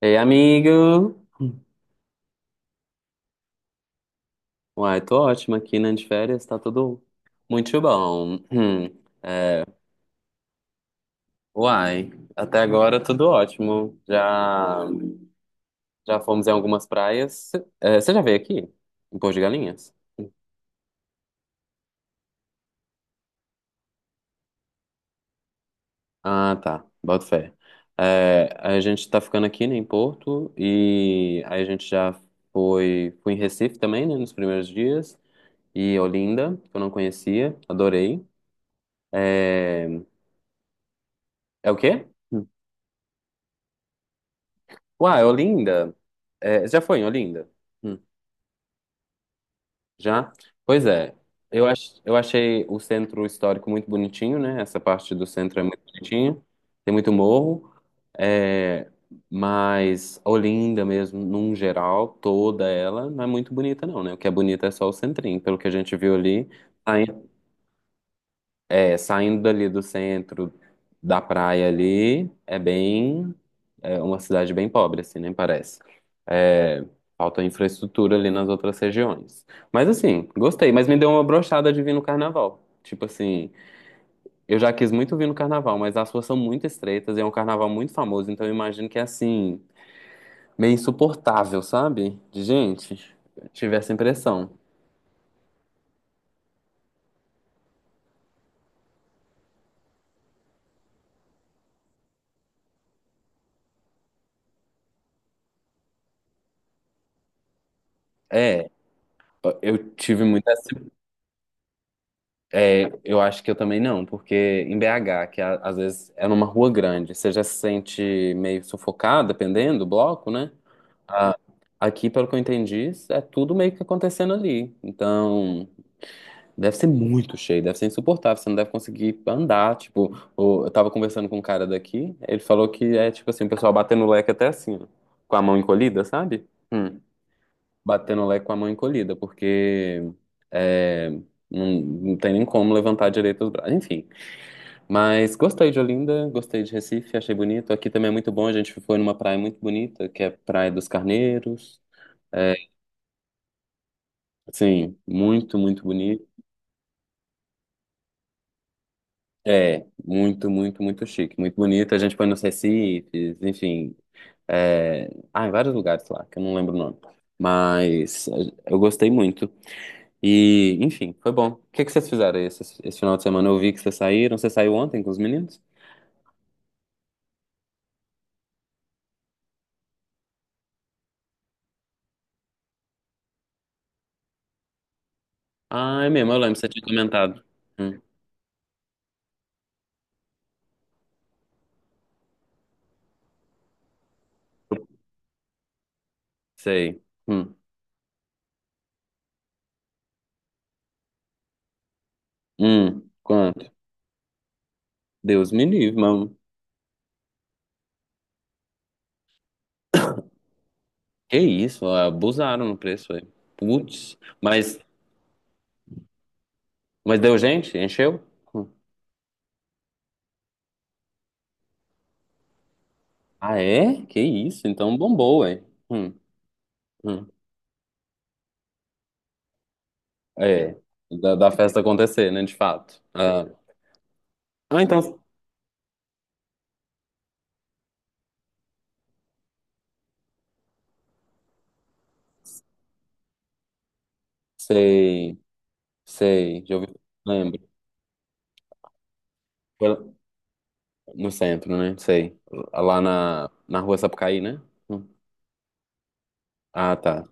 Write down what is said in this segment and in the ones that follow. Ei, amigo! Uai, tô ótimo aqui, né, de férias, tá tudo muito bom. É, Uai, até agora tudo ótimo. Já fomos em algumas praias. Você já veio aqui? Em Porto de Galinhas? Ah, tá, boto fé. É, a gente tá ficando aqui, né, em Porto, e aí a gente já foi em Recife também, né, nos primeiros dias, e Olinda, que eu não conhecia, adorei. É, é o quê? Uai, Olinda? É, você já foi em Olinda? Hum, Já? Pois é. Eu achei o centro histórico muito bonitinho, né? Essa parte do centro é muito bonitinha. Tem muito morro. É, mas Olinda mesmo, num geral, toda ela, não é muito bonita não, né? O que é bonito é só o centrinho. Pelo que a gente viu ali, é, saindo dali do centro da praia ali, é uma cidade bem pobre, assim, nem parece. É, falta infraestrutura ali nas outras regiões. Mas assim, gostei, mas me deu uma brochada de vir no carnaval. Tipo assim, eu já quis muito vir no carnaval, mas as ruas são muito estreitas e é um carnaval muito famoso, então eu imagino que é assim, meio insuportável, sabe? De gente, tive essa impressão. É, eu tive muita É, eu acho que eu também não, porque em BH, que às vezes é numa rua grande, você já se sente meio sufocado, dependendo do bloco, né? A- Aqui, pelo que eu entendi, é tudo meio que acontecendo ali. Então, deve ser muito cheio, deve ser insuportável, você não deve conseguir andar. Tipo, eu tava conversando com um cara daqui, ele falou que é tipo assim, o pessoal batendo o leque até assim, ó, com a mão encolhida, sabe? Hum, Batendo o leque com a mão encolhida, porque é, não tem nem como levantar direito os braços. Enfim, mas gostei de Olinda, gostei de Recife, achei bonito. Aqui também é muito bom, a gente foi numa praia muito bonita, que é a Praia dos Carneiros. É, sim, muito, muito bonito. É, muito, muito, muito chique, muito bonito. A gente foi nos Recifes, enfim. É... Ah, em vários lugares lá, que eu não lembro o nome. Mas eu gostei muito. E, enfim, foi bom. O que que vocês fizeram aí esse final de semana? Eu vi que vocês saíram. Você saiu ontem com os meninos? Ah, é mesmo, eu lembro, você tinha comentado. Hum, Sei. Hum. Quanto? Deus me livre, mano. Que isso, abusaram no preço aí. Putz, mas deu gente? Encheu? Hum. Ah, é? Que isso, então bombou, hein? Hum, hum. É, da festa acontecer, né, de fato. Ah, então, sei, sei, já ouvi, lembro. Foi no centro, né? Sei. Lá na rua Sapucaí, né? Hum. Ah, tá.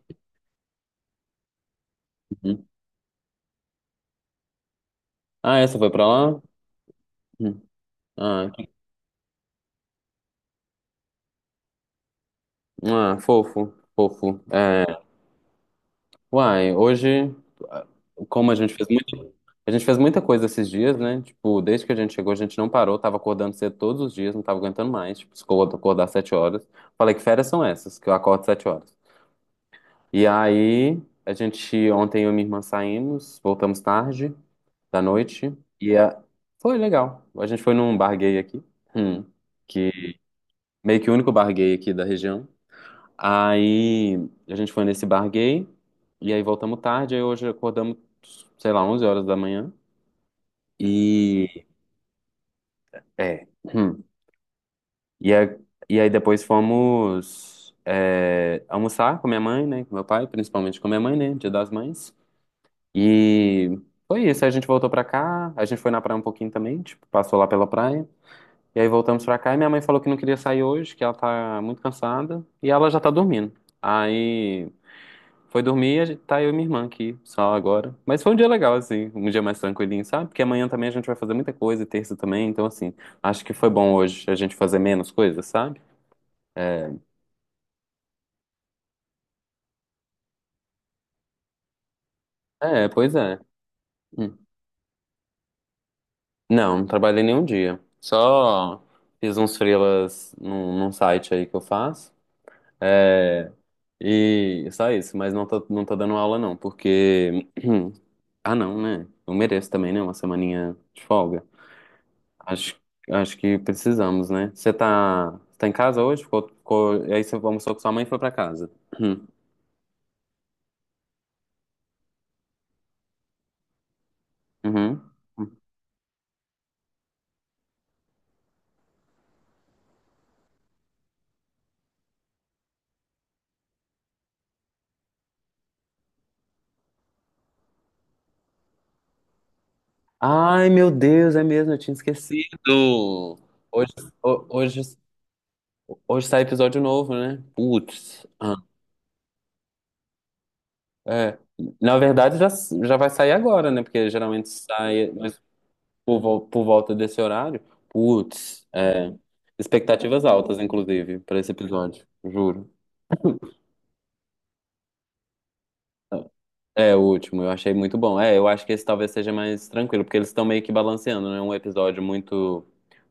Uhum. Ah, essa foi pra lá? Hum. Ah, que- Fofo, fofo. É. Uai, hoje, como a gente fez muita coisa esses dias, né? Tipo, desde que a gente chegou, a gente não parou, tava acordando cedo todos os dias, não tava aguentando mais. Tipo, ficou acordar às 7 horas. Falei que férias são essas, que eu acordo às 7 horas. E aí, a gente, ontem eu e minha irmã saímos, voltamos tarde da noite, e foi legal. A gente foi num bar gay aqui, hum, que meio que o único bar gay aqui da região. Aí a gente foi nesse bar gay, e aí voltamos tarde, aí hoje acordamos, sei lá, 11 horas da manhã. E é. hum. E, aí depois fomos almoçar com minha mãe, né? Com meu pai, principalmente com minha mãe, né? Dia das Mães. E foi isso. Aí a gente voltou pra cá, a gente foi na praia um pouquinho também, tipo, passou lá pela praia. E aí voltamos pra cá e minha mãe falou que não queria sair hoje, que ela tá muito cansada, e ela já tá dormindo. Aí foi dormir, tá eu e minha irmã aqui, só agora. Mas foi um dia legal, assim, um dia mais tranquilinho, sabe? Porque amanhã também a gente vai fazer muita coisa, e terça também, então, assim, acho que foi bom hoje a gente fazer menos coisas, sabe? É, pois é. Hum. Não trabalhei nenhum dia. Só fiz uns freelas num site aí que eu faço. É, e só isso, mas não tô dando aula, não, porque. Ah, não, né? Eu mereço também, né? Uma semaninha de folga. Acho, acho que precisamos, né? Você tá em casa hoje? Ficou, ficou, e aí você almoçou com sua mãe e foi pra casa. Uhum. Uhum. Ai, meu Deus, é mesmo, eu tinha esquecido. Hoje, ho- hoje, hoje sai episódio novo, né? Putz. Ah, é. Na verdade, já vai sair agora, né? Porque geralmente sai mas por volta desse horário. Putz, é. Expectativas altas, inclusive, pra esse episódio, juro. É, o último, eu achei muito bom. É, eu acho que esse talvez seja mais tranquilo, porque eles estão meio que balanceando, né? Um episódio muito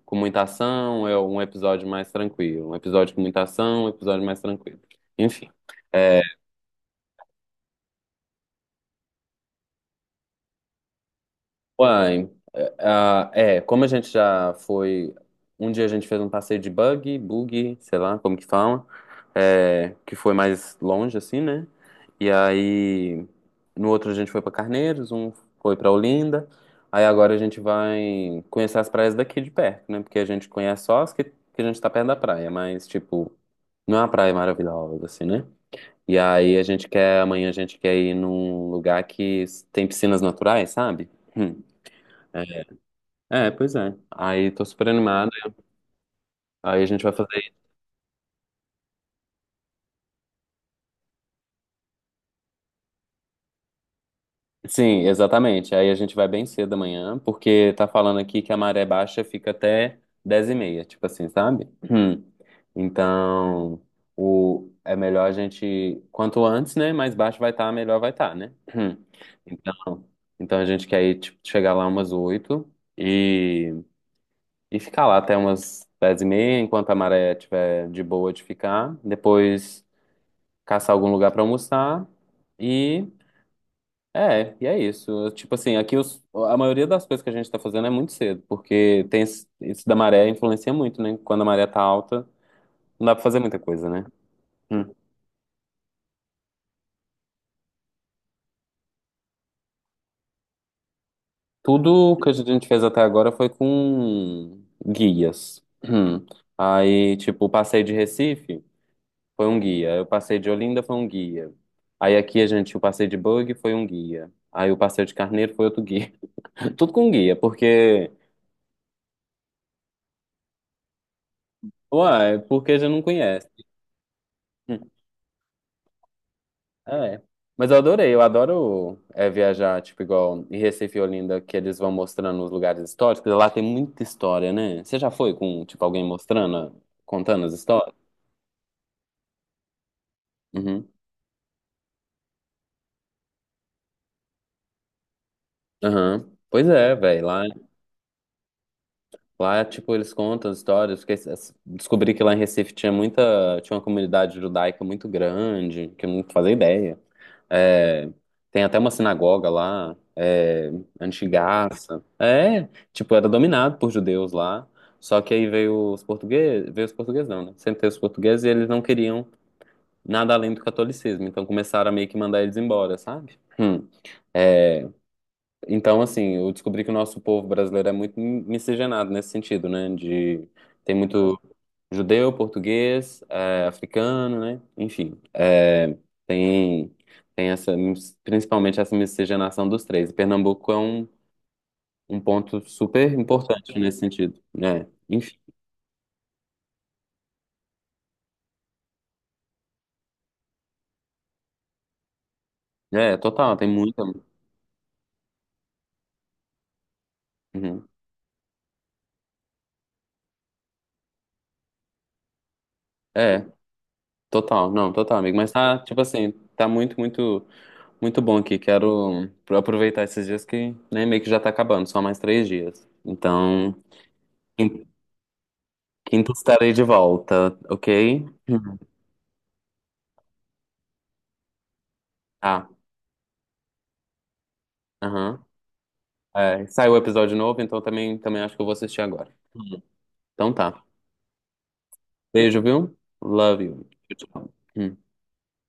com muita ação, é um episódio mais tranquilo. Um episódio com muita ação, um episódio mais tranquilo. Enfim. é, Uai, como a gente já foi. Um dia a gente fez um passeio de buggy, sei lá como que fala, que foi mais longe, assim, né? E aí, no outro a gente foi pra Carneiros, foi pra Olinda. Aí agora a gente vai conhecer as praias daqui de perto, né? Porque a gente conhece só as que a gente tá perto da praia, mas, tipo, não é uma praia maravilhosa, assim, né? E aí a gente quer, amanhã a gente quer ir num lugar que tem piscinas naturais, sabe? É, pois é. Aí tô super animado. Aí a gente vai fazer. Sim, exatamente. Aí a gente vai bem cedo amanhã, porque tá falando aqui que a maré baixa fica até 10h30, tipo assim, sabe? Hum. Então, é melhor a gente. Quanto antes, né? Mais baixo vai estar, melhor vai estar, né? Hum. Então, então a gente quer ir, tipo, chegar lá umas 8 e, e ficar lá até umas 10h30, enquanto a maré tiver de boa de ficar. Depois, caçar algum lugar pra almoçar e e é isso. Tipo assim, aqui os, a maioria das coisas que a gente tá fazendo é muito cedo, porque tem isso da maré influencia muito, né? Quando a maré tá alta, não dá pra fazer muita coisa, né? Hum. Tudo que a gente fez até agora foi com guias. Hum. Aí, tipo, o passeio de Recife foi um guia, aí o passeio de Olinda foi um guia. Aí aqui a gente, o passeio de bug foi um guia. Aí o passeio de Carneiro foi outro guia. Tudo com guia, porque uai, porque já não conhece. Hum, É. Mas eu adorei, eu adoro viajar, tipo, igual em Recife e Olinda, que eles vão mostrando os lugares históricos. Lá tem muita história, né? Você já foi com, tipo, alguém mostrando, contando as histórias? Uhum. Aham. Pois é, velho. Lá, tipo, eles contam as histórias, porque descobri que lá em Recife tinha muita, tinha uma comunidade judaica muito grande, que eu não fazia ideia. É, tem até uma sinagoga lá, é, antigaça. É, tipo, era dominado por judeus lá, só que aí veio os portugueses não, né? Sempre teve os portugueses e eles não queriam nada além do catolicismo, então começaram a meio que mandar eles embora, sabe? Hum. É, então, assim, eu descobri que o nosso povo brasileiro é muito miscigenado nesse sentido, né? De, tem, muito judeu, português, é, africano, né? Enfim, é, tem, tem essa, principalmente essa miscigenação dos três. E Pernambuco é um ponto super importante nesse sentido, né? Enfim, é, total, tem muita. Uhum. É, total, não, total, amigo. Mas tá, tipo assim, tá muito, muito. Muito bom aqui. Quero aproveitar esses dias que, né, meio que já tá acabando, só mais 3 dias. Então, quin- quinta estarei de volta, ok? Uhum. ah Aham. É, saiu o episódio novo, então também acho que eu vou assistir agora. Então tá. Beijo, viu? Love you. Tchau, tchau. Hum.